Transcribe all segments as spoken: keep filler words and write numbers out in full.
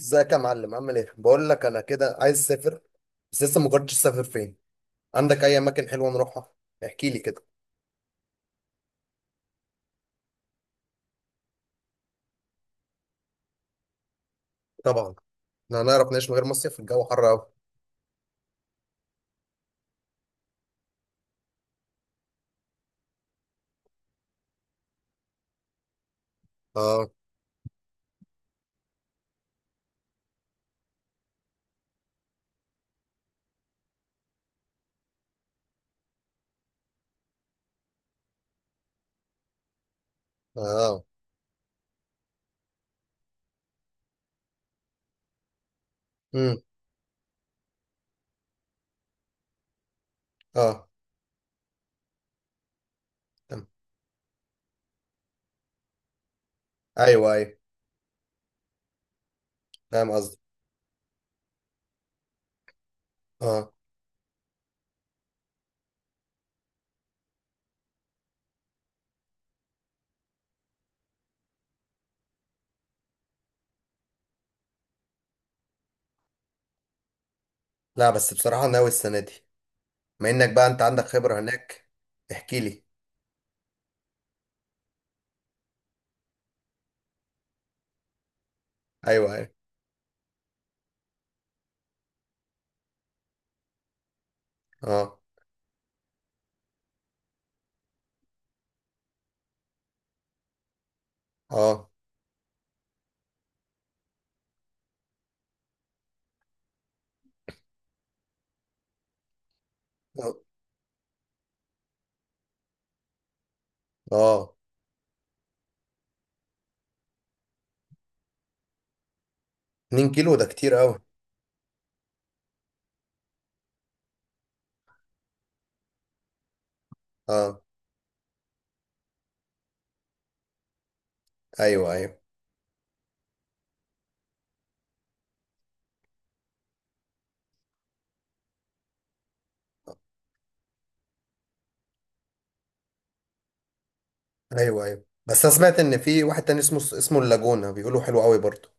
ازيك يا معلم، عامل ايه؟ بقول لك انا كده عايز اسافر بس لسه ما قررتش اسافر فين. عندك اي اماكن حلوه نروحها؟ احكي لي كده. طبعا. احنا هنعرف نعيش من غير مصيف؟ الجو حر قوي. اه اه. امم. اه. تمام. ايوه ايوه. فاهم قصدي. اه. لا بس بصراحه ناوي السنه دي. بما انك بقى انت عندك خبره هناك احكي لي. ايوه ايوه. اه اه اه. آه. اتنين كيلو ده كتير قوي. اه. ايوه ايوه. ايوه ايوه بس انا سمعت ان في واحد تاني اسمه اسمه اللاجونا بيقولوا حلو قوي برضه.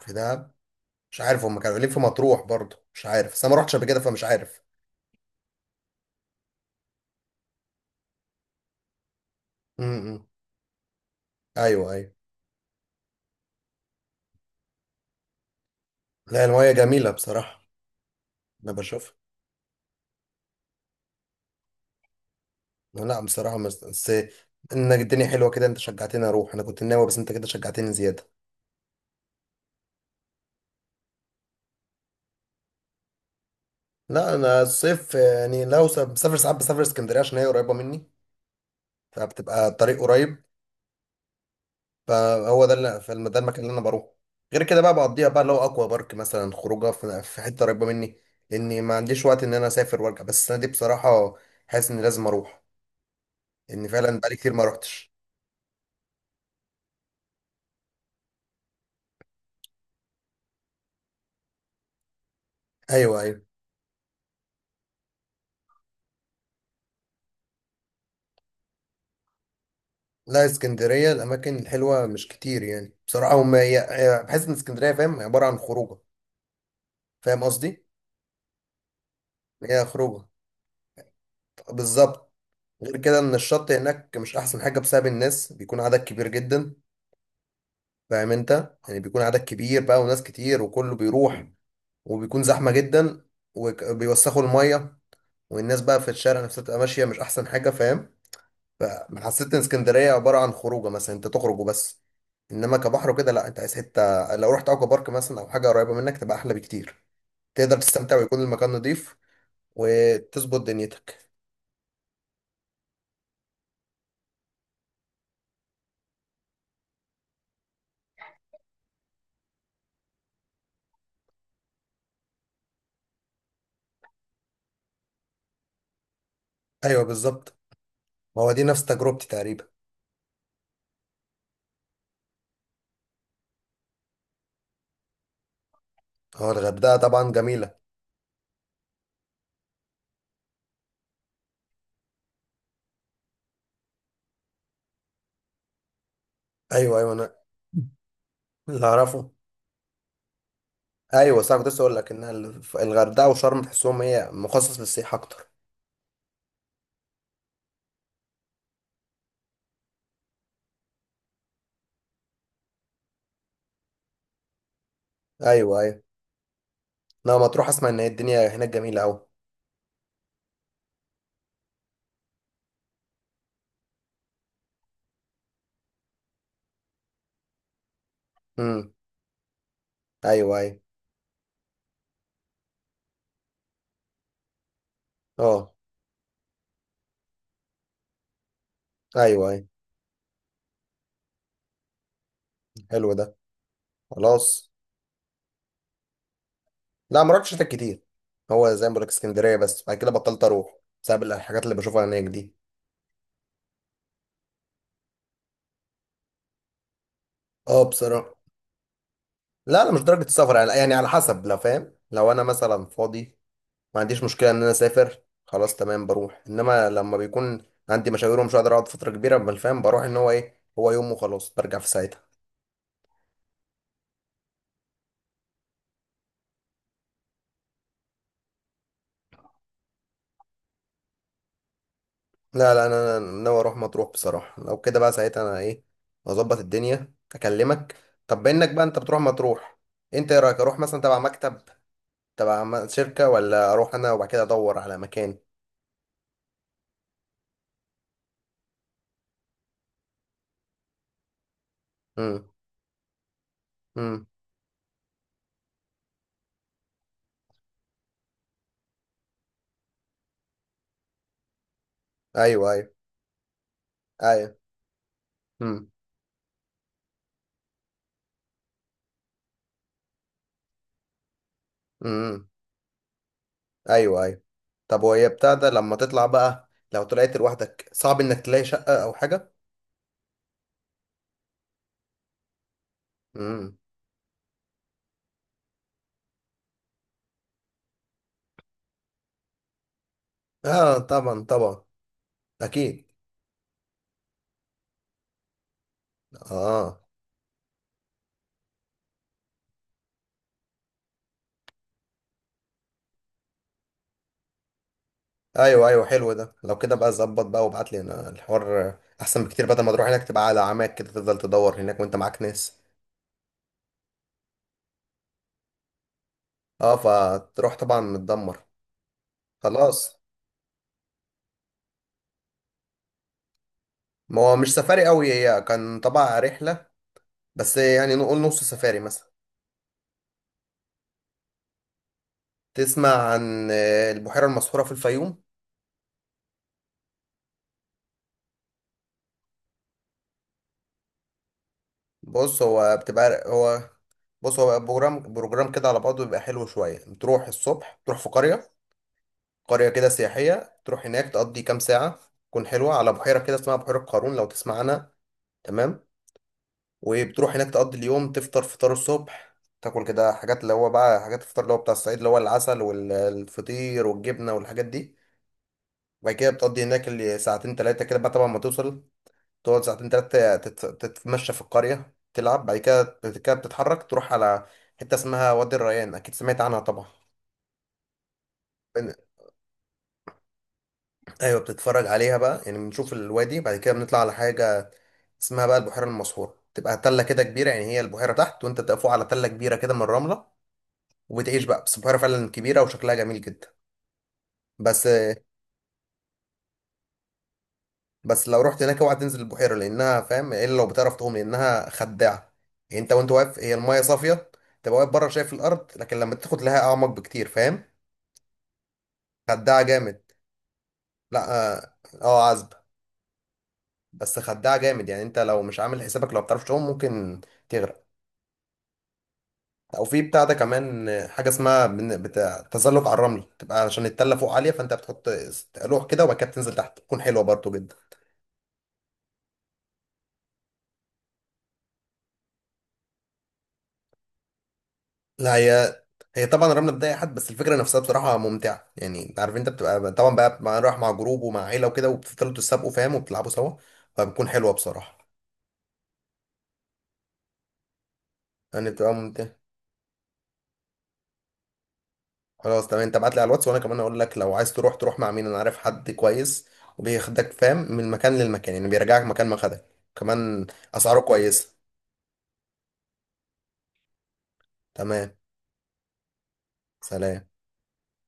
في دهب، مش عارف هم كانوا ليه في مطروح برضه، مش عارف بس انا ما رحتش قبل كده فمش عارف. امم. ايوه ايوه. لا المايه جميله بصراحه. انا بشوفها. لا بصراحه مس- بس انك الدنيا حلوه كده، انت شجعتني اروح. انا كنت ناوي بس انت كده شجعتني زياده. لا انا الصيف يعني لو س- بسافر ساعات، بسافر اسكندريه عشان هي قريبه مني. فبتبقى الطريق قريب. فهو ده اللي فالم- ده المكان اللي انا بروحه. غير كده بقى بقضيها بقى لو اكوا بارك مثلا، خروجه في في حته قريبه مني لاني ما عنديش وقت ان انا اسافر وارجع. بس السنه دي بصراحه حاسس اني لازم اروح لان فعلا بقالي كتير ما روحتش. ايوه ايوه. لا اسكندريه الاماكن الحلوه مش كتير يعني، بصراحه هم هي هي- بحس ان اسكندريه فاهم عباره عن خروجه. فاهم قصدي. هي خروجه. بالظبط. غير كده ان الشط هناك مش احسن حاجه بسبب الناس، بيكون عدد كبير جدا. فاهم انت يعني، بيكون عدد كبير بقى وناس كتير وكله بيروح، وبيكون زحمه جدا وبيوسخوا الميه، والناس بقى في الشارع نفسها تبقى ماشيه مش احسن حاجه فاهم. فحسيت ان اسكندريه عباره عن خروجه، مثلا انت تخرج وبس. انما كبحر وكده لا، انت عايز حته لو رحت اوكا بارك مثلا او حاجه قريبه منك تبقى احلى بكتير. تقدر تستمتع ويكون المكان نضيف وتظبط دنيتك. ايوه بالظبط، ما هو دي نفس تجربتي تقريبا. هو الغردقه طبعا جميله. ايوه ايوه انا. اللي اعرفه، ايوه صح كنت لسه اقول لك ان الغردقه وشرم تحسهم هي مخصص للسياحه اكتر. ايوه ايوه. لا ما تروح، اسمع ان هي الدنيا هناك جميله قوي. امم. ايوه ايوه. اه. ايوه ايوه. حلو ده. خلاص. لا ما رحتش هناك كتير. هو زي ما بقولك اسكندريه، بس بعد كده بطلت اروح بسبب الحاجات اللي بشوفها هناك دي. اه بصراحه. لا لا مش درجه السفر يعني، يعني على حسب لو فاهم، لو انا مثلا فاضي ما عنديش مشكله ان انا اسافر خلاص تمام بروح. انما لما بيكون عندي مشاوير ومش هقدر اقعد فتره كبيره بالفهم بروح ان هو ايه، هو يوم وخلاص برجع في ساعتها. لا لا انا أنا ناوي اروح مطروح بصراحه. لو كده بقى ساعتها انا ايه، اظبط الدنيا اكلمك. طب بانك بقى انت بتروح مطروح، انت ايه رايك اروح مثلا تبع مكتب، تبع م- شركه، ولا اروح انا وبعد كده ادور على مكان؟ امم. امم. ايوه ايوه. ايوه. امم. امم. ايوه ايوه. طب وهي بتاع ده لما تطلع بقى لو طلعت لوحدك، صعب انك تلاقي شقه او حاجه؟ امم. اه طبعا طبعا، اكيد. اه. ايوه ايوه. حلو ده، لو كده بقى ظبط بقى وابعت لي انا الحوار احسن بكتير بدل ما تروح هناك تبقى على عماك كده تفضل تدور هناك وانت معاك ناس. اه فتروح طبعا متدمر. خلاص. ما هو مش سفاري قوي، هي كان طبعا رحله بس يعني نقول نص سفاري مثلا. تسمع عن آه، البحيره المسحوره في الفيوم؟ بص هو بتبقى هو بص هو بروجرام بروجرام كده على بعضه بيبقى حلو شويه. تروح الصبح، تروح في قريه، قرية كده سياحية، تروح هناك تقضي كام ساعة، تكون حلوة على بحيرة كده اسمها بحيرة قارون، لو تسمع عنها. تمام. وبتروح هناك تقضي اليوم، تفطر فطار الصبح، تاكل كده حاجات اللي هو بقى حاجات الفطار اللي هو بتاع الصعيد اللي هو العسل والفطير والجبنة والحاجات دي. وبعد كده بتقضي هناك اللي ساعتين تلاتة كده بقى، طبعا ما توصل تقعد ساعتين تلاتة تت- تتمشى في القرية تلعب. بعد كده بعد كده بتتحرك تروح على حتة اسمها وادي الريان، أكيد سمعت عنها طبعا. ايوه بتتفرج عليها بقى يعني، بنشوف الوادي. بعد كده بنطلع على حاجه اسمها بقى البحيره المسحوره، تبقى تله كده كبيره، يعني هي البحيره تحت وانت تقف فوق على تله كبيره كده من الرمله، وبتعيش بقى. بس البحيره فعلا كبيره وشكلها جميل جدا بس. بس لو رحت هناك اوعى تنزل البحيره، لانها فاهم الا لو بتعرف تعوم، لانها خداعه. يعني انت وانت واقف هي المايه صافيه، تبقى واقف بره شايف الارض لكن لما تاخد لها اعمق بكتير فاهم. خداعه جامد. لا اه. آه، عذبه. بس خداعه جامد، يعني انت لو مش عامل حسابك لو بتعرفش تعوم ممكن تغرق. او في بتاع ده كمان حاجه اسمها بن- بتاع تزلج على الرمل، تبقى عشان التله فوق عاليه فانت بتحط لوح كده وبعد كده بتنزل تحت، تكون حلوه برضو جدا. لا هي، هي طبعا الرمله بتضايق حد بس الفكره نفسها بصراحه ممتعه يعني. انت عارف انت بتبقى طبعا بقى مع، رايح مع جروب ومع عيله وكده وبتفضلوا تسابقوا فاهم وبتلعبوا سوا، فبتكون حلوه بصراحه. يعني بتبقى ممتعه. خلاص تمام، انت ابعت لي على الواتس وانا كمان اقول لك لو عايز تروح تروح مع مين، انا عارف حد كويس وبياخدك فاهم من مكان للمكان يعني، بيرجعك مكان ما خدك كمان. اسعاره كويسه. تمام. سلام.